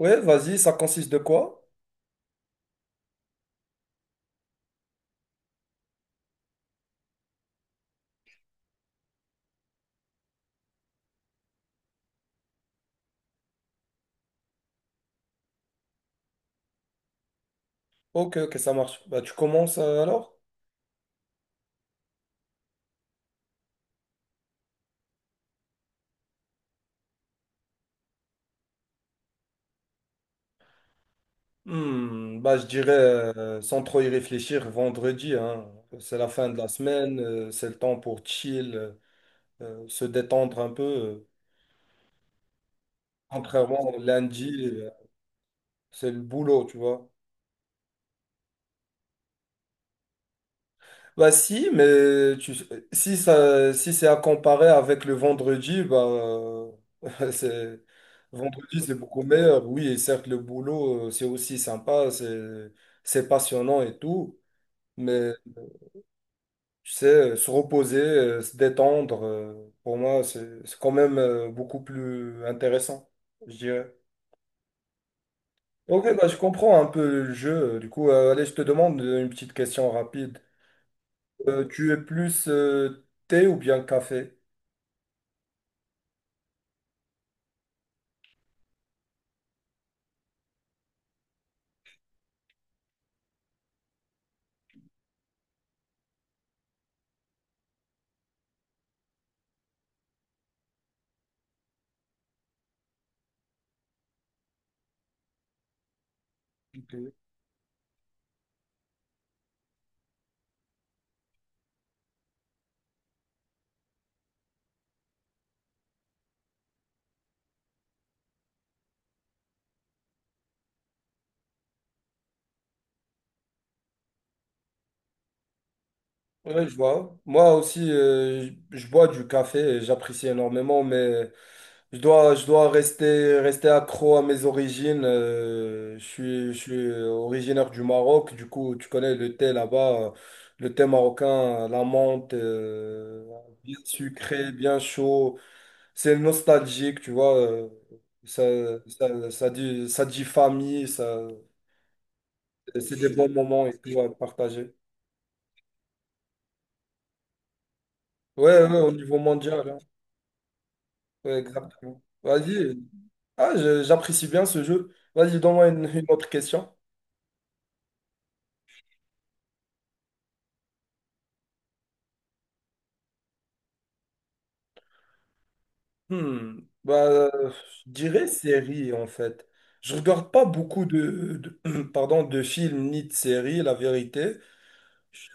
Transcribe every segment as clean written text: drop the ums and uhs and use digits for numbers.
Ouais, vas-y, ça consiste de quoi? Ok, ok, ça marche. Bah, tu commences alors? Bah, je dirais, sans trop y réfléchir, vendredi, hein. C'est la fin de la semaine, c'est le temps pour chill, se détendre un peu. Contrairement au lundi, c'est le boulot, tu vois. Bah si, si ça, si c'est à comparer avec le vendredi, c'est vendredi c'est beaucoup meilleur. Oui, et certes le boulot c'est aussi sympa, c'est passionnant et tout, mais tu sais se reposer, se détendre, pour moi c'est quand même beaucoup plus intéressant, je dirais. Ok, bah je comprends un peu le jeu. Du coup, allez, je te demande une petite question rapide. Tu es plus thé ou bien café? Ouais, je vois. Moi aussi, je bois du café et j'apprécie énormément, mais je dois rester accro à mes origines. Je suis je suis originaire du Maroc, du coup, tu connais le thé là-bas, le thé marocain, la menthe, bien sucré, bien chaud. C'est nostalgique, tu vois. ça, ça dit ça dit, famille, ça, c'est des bons moments et tout à partager. Ouais, ouais, au niveau mondial. Ouais, exactement. Vas-y. Ah, j'apprécie bien ce jeu. Vas-y, donne-moi une autre question. Hmm. Bah, je dirais série, en fait. Je regarde pas beaucoup pardon, de films ni de séries, la vérité. Je,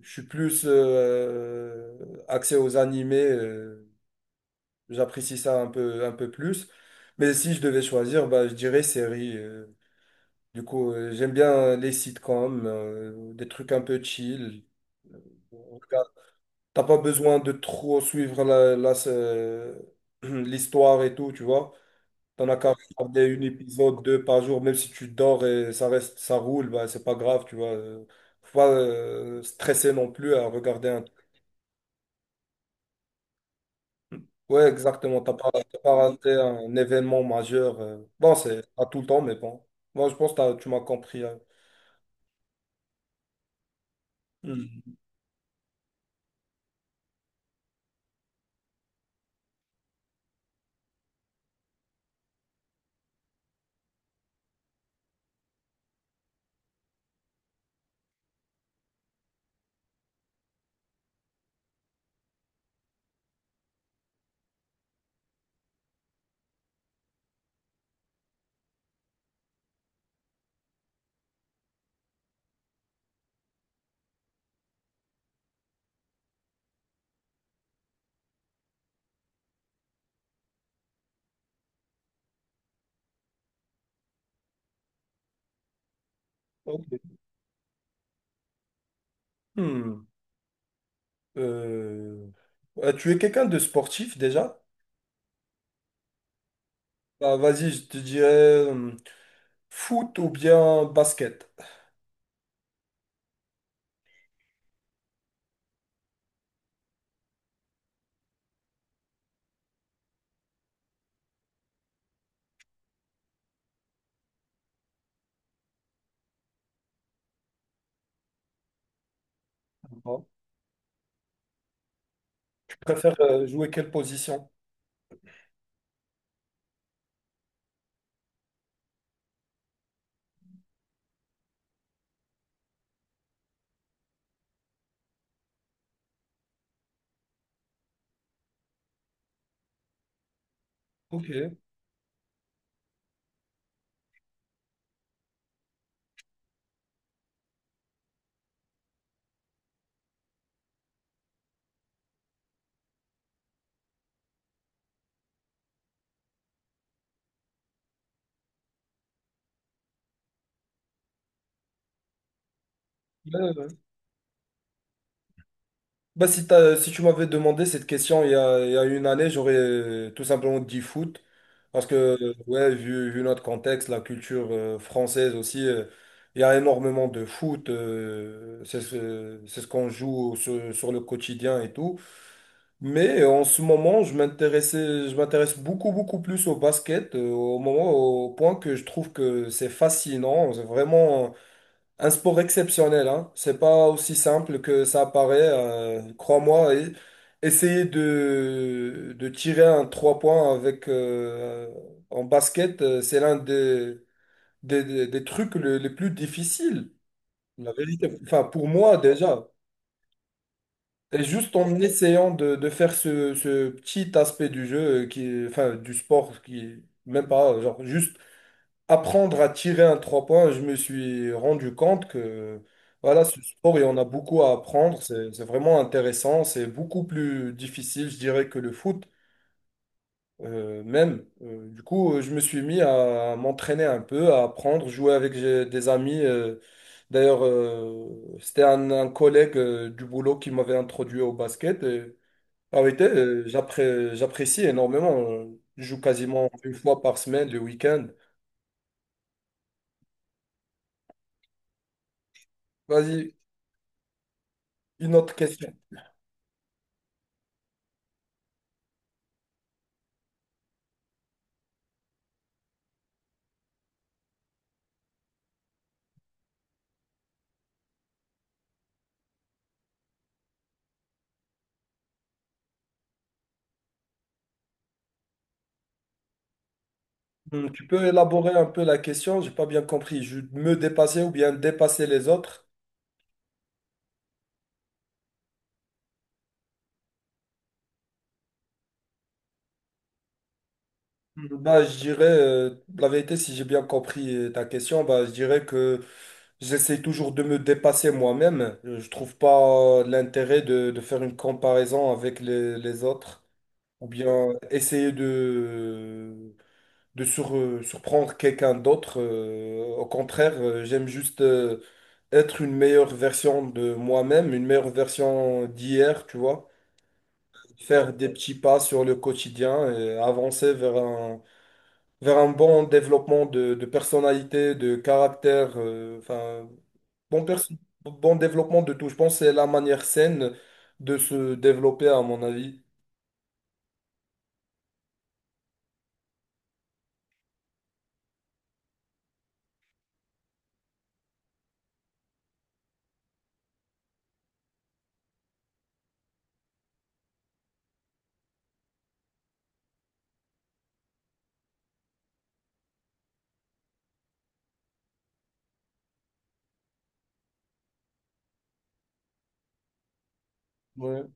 je suis plus axé aux animés. J'apprécie ça un peu plus. Mais si je devais choisir, bah, je dirais série. Du coup, j'aime bien les sitcoms, des trucs un peu chill. Euh, on regarde- T'as pas besoin de trop suivre l'histoire et tout, tu vois. T'en as qu'à regarder un épisode, deux par jour, même si tu dors et ça reste, ça roule, bah, c'est pas grave, tu vois. Faut pas stresser non plus à regarder un. Ouais, exactement. T'as pas raté un événement majeur. Bon, c'est à tout le temps, mais bon. Moi, je pense que tu m'as compris, hein. Hmm. Ok. Hmm. Euh, Tu es quelqu'un de sportif déjà? Bah, vas-y, je te dirais euh, foot ou bien basket. Bon. Tu préfères jouer quelle position? Ok. Ouais, ouais. Bah, si tu m'avais demandé cette question il y a une année, j'aurais tout simplement dit foot. Parce que, ouais, vu notre contexte, la culture française aussi, il y a énormément de foot. C'est ce, c'est ce qu'on joue sur le quotidien et tout. Mais en ce moment, je m'intéresse beaucoup, beaucoup plus au basket, au point que je trouve que c'est fascinant. C'est vraiment un sport exceptionnel, hein. C'est pas aussi simple que ça apparaît, crois-moi. Essayer de tirer un trois points en basket, c'est l'un des trucs les plus difficiles. La vérité, enfin, pour moi, déjà. Et juste en essayant de faire ce petit aspect du jeu, enfin du sport, qui est même pas, genre juste apprendre à tirer un trois points, je me suis rendu compte que voilà, ce sport, il y en a beaucoup à apprendre, c'est vraiment intéressant, c'est beaucoup plus difficile, je dirais, que le foot même. Du coup, je me suis mis à m'entraîner un peu, à apprendre, jouer avec des amis. D'ailleurs, c'était un collègue du boulot qui m'avait introduit au basket. Ah oui, j'apprécie énormément. Je joue quasiment une fois par semaine, le week-end. Vas-y, une autre question. Tu peux élaborer un peu la question? J'ai pas bien compris. Je me dépasser ou bien dépasser les autres? Bah, je dirais, la vérité, si j'ai bien compris ta question, bah, je dirais que j'essaie toujours de me dépasser moi-même. Je trouve pas l'intérêt de faire une comparaison avec les autres ou bien essayer surprendre quelqu'un d'autre. Au contraire, j'aime juste être une meilleure version de moi-même, une meilleure version d'hier, tu vois. Faire des petits pas sur le quotidien et avancer vers un bon développement de personnalité, de caractère, enfin, bon, perso- bon développement de tout. Je pense que c'est la manière saine de se développer, à mon avis. Ouais.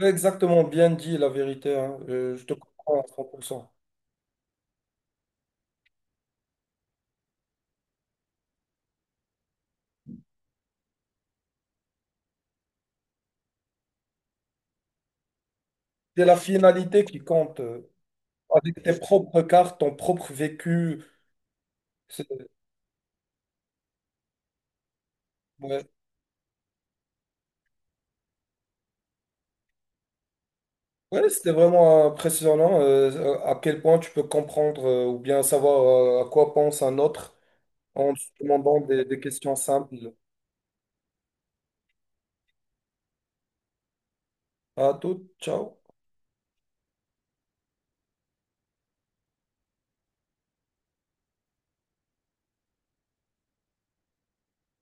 Exactement, bien dit la vérité, hein. Je te comprends à 100%. C'est la finalité qui compte. Avec tes propres cartes, ton propre vécu. C'est- Ouais, ouais, c'était vraiment impressionnant à quel point tu peux comprendre ou bien savoir à quoi pense un autre en se demandant des questions simples. À tout, ciao.